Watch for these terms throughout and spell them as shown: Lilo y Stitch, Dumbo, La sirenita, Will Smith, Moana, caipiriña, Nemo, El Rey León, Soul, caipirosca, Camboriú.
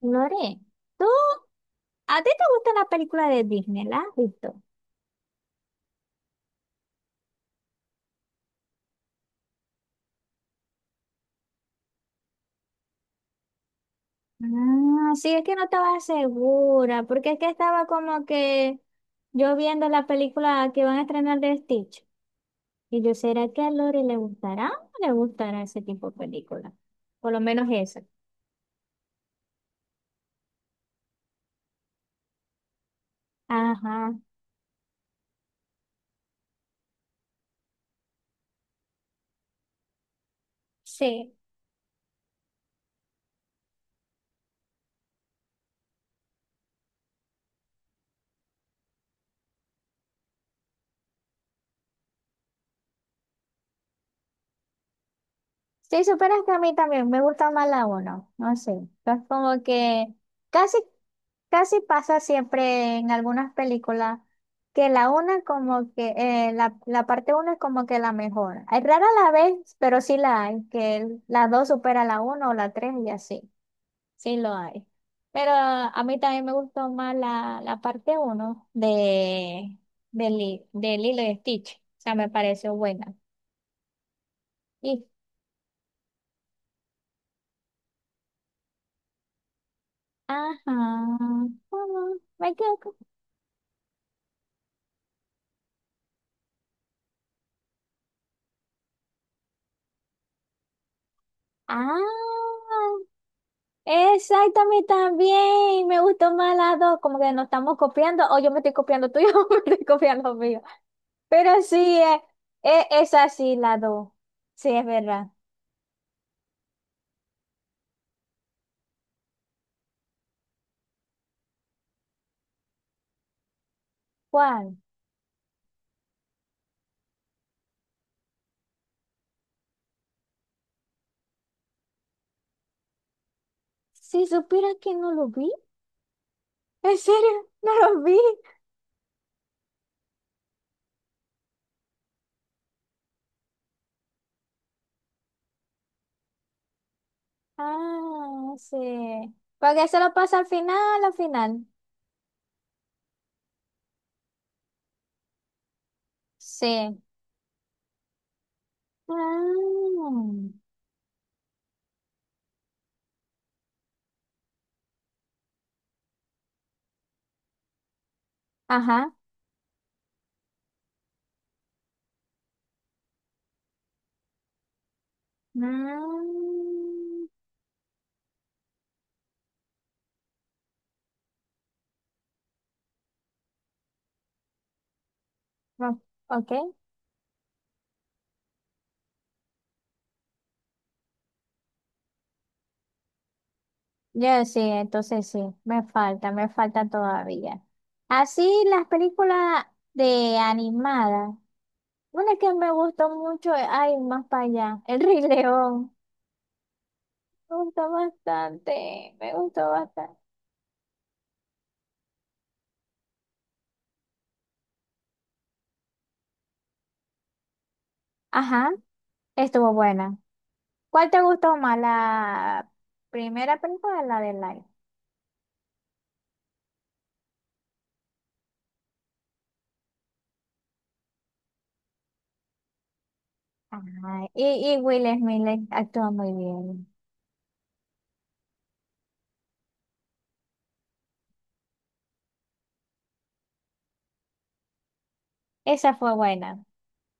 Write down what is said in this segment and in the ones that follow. Lore, ¿tú, ¿a ti te gustan las películas de Disney? ¿Las has visto? Ah, sí, es que no estaba segura, porque es que estaba como que yo viendo la película que van a estrenar de Stitch. Y yo, ¿será que a Lore le gustará? ¿O no le gustará ese tipo de película? Por lo menos esa. Ajá, sí. Si superas que a mí también me gusta más la uno, no sé. Es como que casi, casi pasa siempre en algunas películas que la una como que la parte uno es como que la mejor. Es rara la vez, pero sí la hay, que la dos supera la uno o la tres y así. Sí lo hay. Pero a mí también me gustó más la parte uno de Lilo y Stitch. O sea, me pareció buena. Y ajá. Ah, Me quedo con- ah, exactamente también. Me gustó más las dos. Como que nos estamos copiando. O yo me estoy copiando tuyo o me estoy copiando mío. Pero sí, es así la dos. Sí, es verdad. ¿Cuál? Si supiera que no lo vi. ¿En serio? No lo vi. Ah, sí. Porque eso lo pasa al final, al final. Sí. Ah, ajá. Mm. No, ok, yo sí, entonces sí, me falta todavía. Así las películas de animadas, una que me gustó mucho, ay, más para allá, El Rey León, me gustó bastante, me gustó bastante. Ajá, estuvo buena. ¿Cuál te gustó más, la primera película o la de Life? Ajá, y Will Smith actuó muy bien, esa fue buena.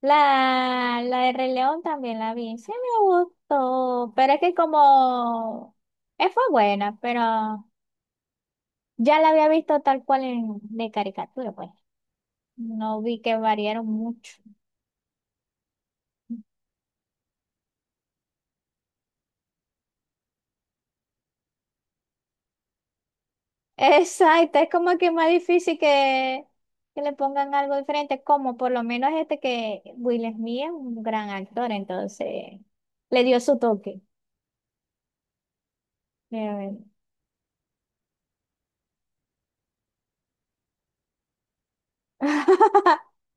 La de Rey León también la vi, sí me gustó, pero es que como fue buena, pero ya la había visto tal cual en, de caricatura, pues no vi que variaron mucho. Exacto, es como que más difícil que le pongan algo diferente, como por lo menos este que Will Smith es un gran actor, entonces le dio su toque. Ya ven.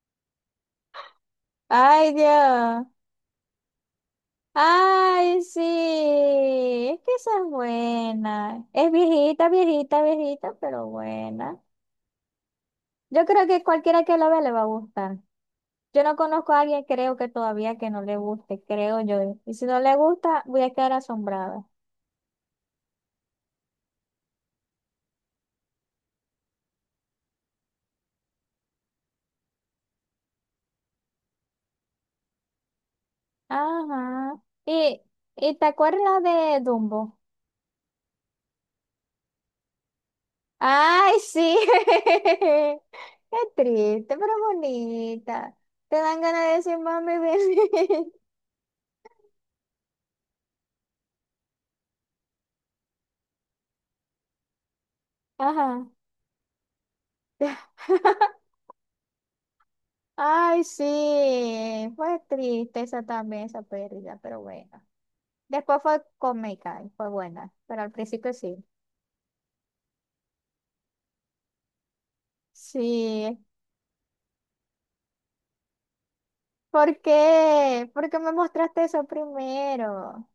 Ay, Dios. Ay, sí, es que esa es buena. Es viejita, viejita, viejita, pero buena. Yo creo que cualquiera que la vea le va a gustar. Yo no conozco a alguien, creo que todavía que no le guste, creo yo. Y si no le gusta, voy a quedar asombrada. Ajá. ¿Y, ¿y te acuerdas de Dumbo? Ay, sí. Qué triste, pero bonita. Te dan ganas de decir, mami, ven. Ajá. Ay, sí, fue triste esa también, esa pérdida, pero bueno. Después fue cómica y fue buena, pero al principio sí. Sí, ¿por qué? ¿Por qué me mostraste eso primero?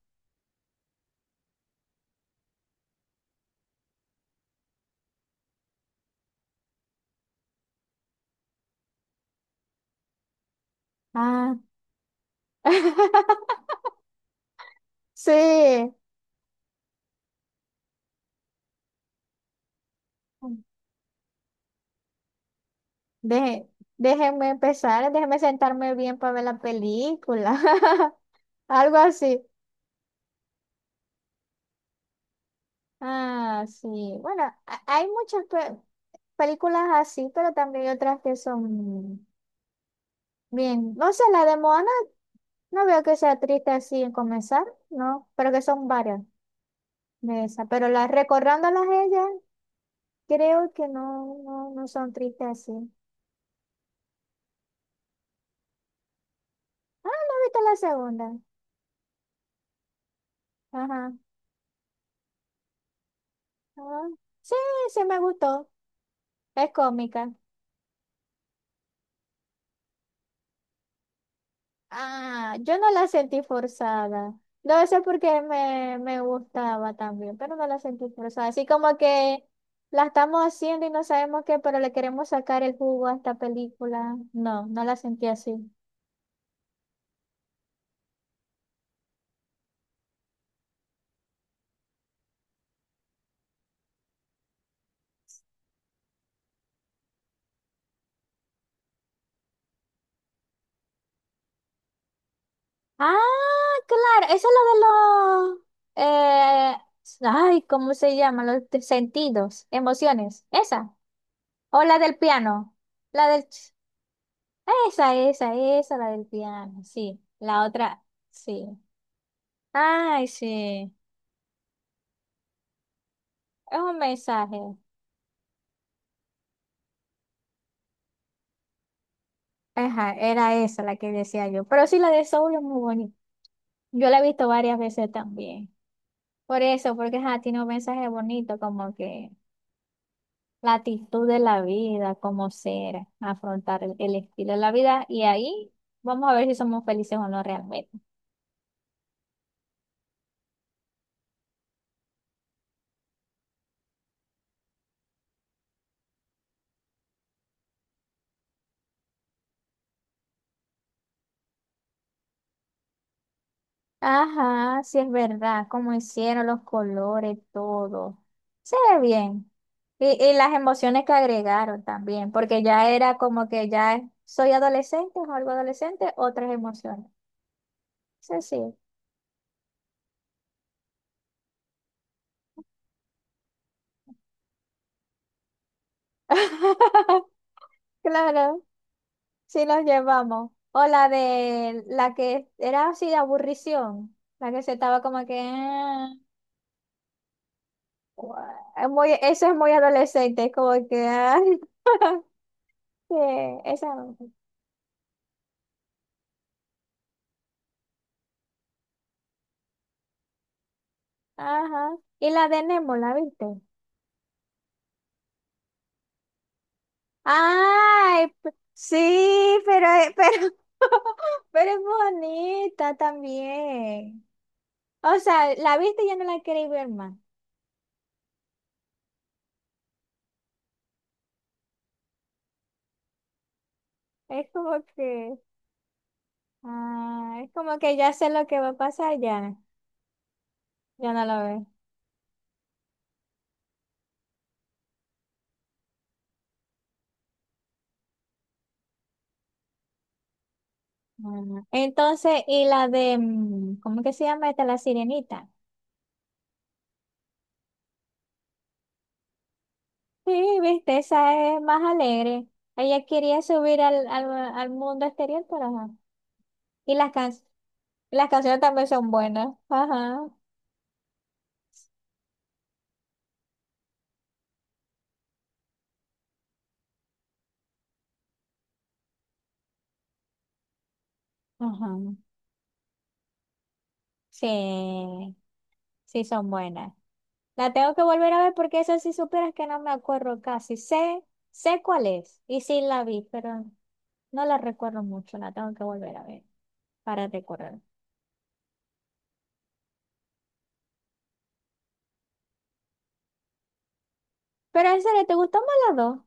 Ah, sí, Deje- déjenme empezar, déjenme sentarme bien para ver la película, algo así. Ah, sí, bueno, hay muchas películas así, pero también hay otras que son bien, no sé, la de Moana. No veo que sea triste así en comenzar, ¿no? Pero que son varias de esas. Pero las recordándolas a ellas, creo que no son tristes así. Ah, no viste la segunda. Ajá. Ah, sí, sí me gustó. Es cómica. Ah, yo no la sentí forzada. No sé por qué me gustaba también, pero no la sentí forzada. Así como que la estamos haciendo y no sabemos qué, pero le queremos sacar el jugo a esta película. No, no la sentí así. Ah, claro, eso es lo de los, eh, ay, ¿cómo se llama? Los sentidos, emociones, esa, o la del piano, la del, ch- esa, la del piano, sí, la otra, sí, ay, sí, es un mensaje, ajá, era esa la que decía yo, pero sí, la de Soul es muy bonita, yo la he visto varias veces también, por eso, porque ajá, tiene un mensaje bonito, como que... La actitud de la vida, cómo ser, afrontar el estilo de la vida y ahí vamos a ver si somos felices o no realmente. Ajá, sí es verdad, cómo hicieron los colores, todo. Se ve bien. Y las emociones que agregaron también, porque ya era como que ya soy adolescente o algo adolescente, otras emociones. Sí, sí. Claro. Sí, nos llevamos. O la de la que era así de aburrición. La que se estaba como que, ah, es muy, eso es muy adolescente, es como que, ay, que esa. Ajá. Y la de Nemo, ¿la viste? ¡Ay! Sí, pero, pero, pero es bonita también. O sea, la viste y ya no la queréis ver más. Es como que, ah, es como que ya sé lo que va a pasar, ya, ya no la ves. Mm, entonces, y la de, mm, ¿cómo que se llama esta? La sirenita. Sí, viste, esa es más alegre. Ella quería subir al mundo exterior, pero ajá. Y las canciones también son buenas. Ajá, ajá. Sí, sí son buenas. La tengo que volver a ver porque esa sí supieras que no me acuerdo casi. Sé cuál es y sí la vi, pero no la recuerdo mucho. La tengo que volver a ver para recordar. Pero en serio, ¿te gustó más las dos?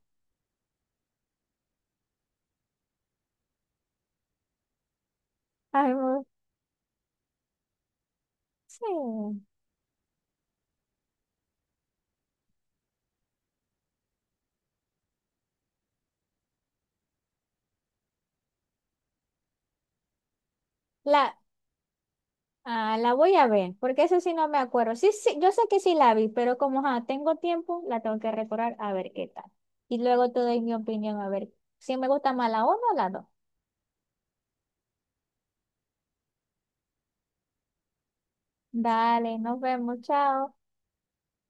Ay, Sí, la, ah, la voy a ver, porque eso sí no me acuerdo. Sí, sí, yo sé que sí la vi, pero como ajá, tengo tiempo, la tengo que recordar a ver qué tal. Y luego te doy mi opinión a ver si me gusta más la uno o la dos. Dale, nos vemos, chao.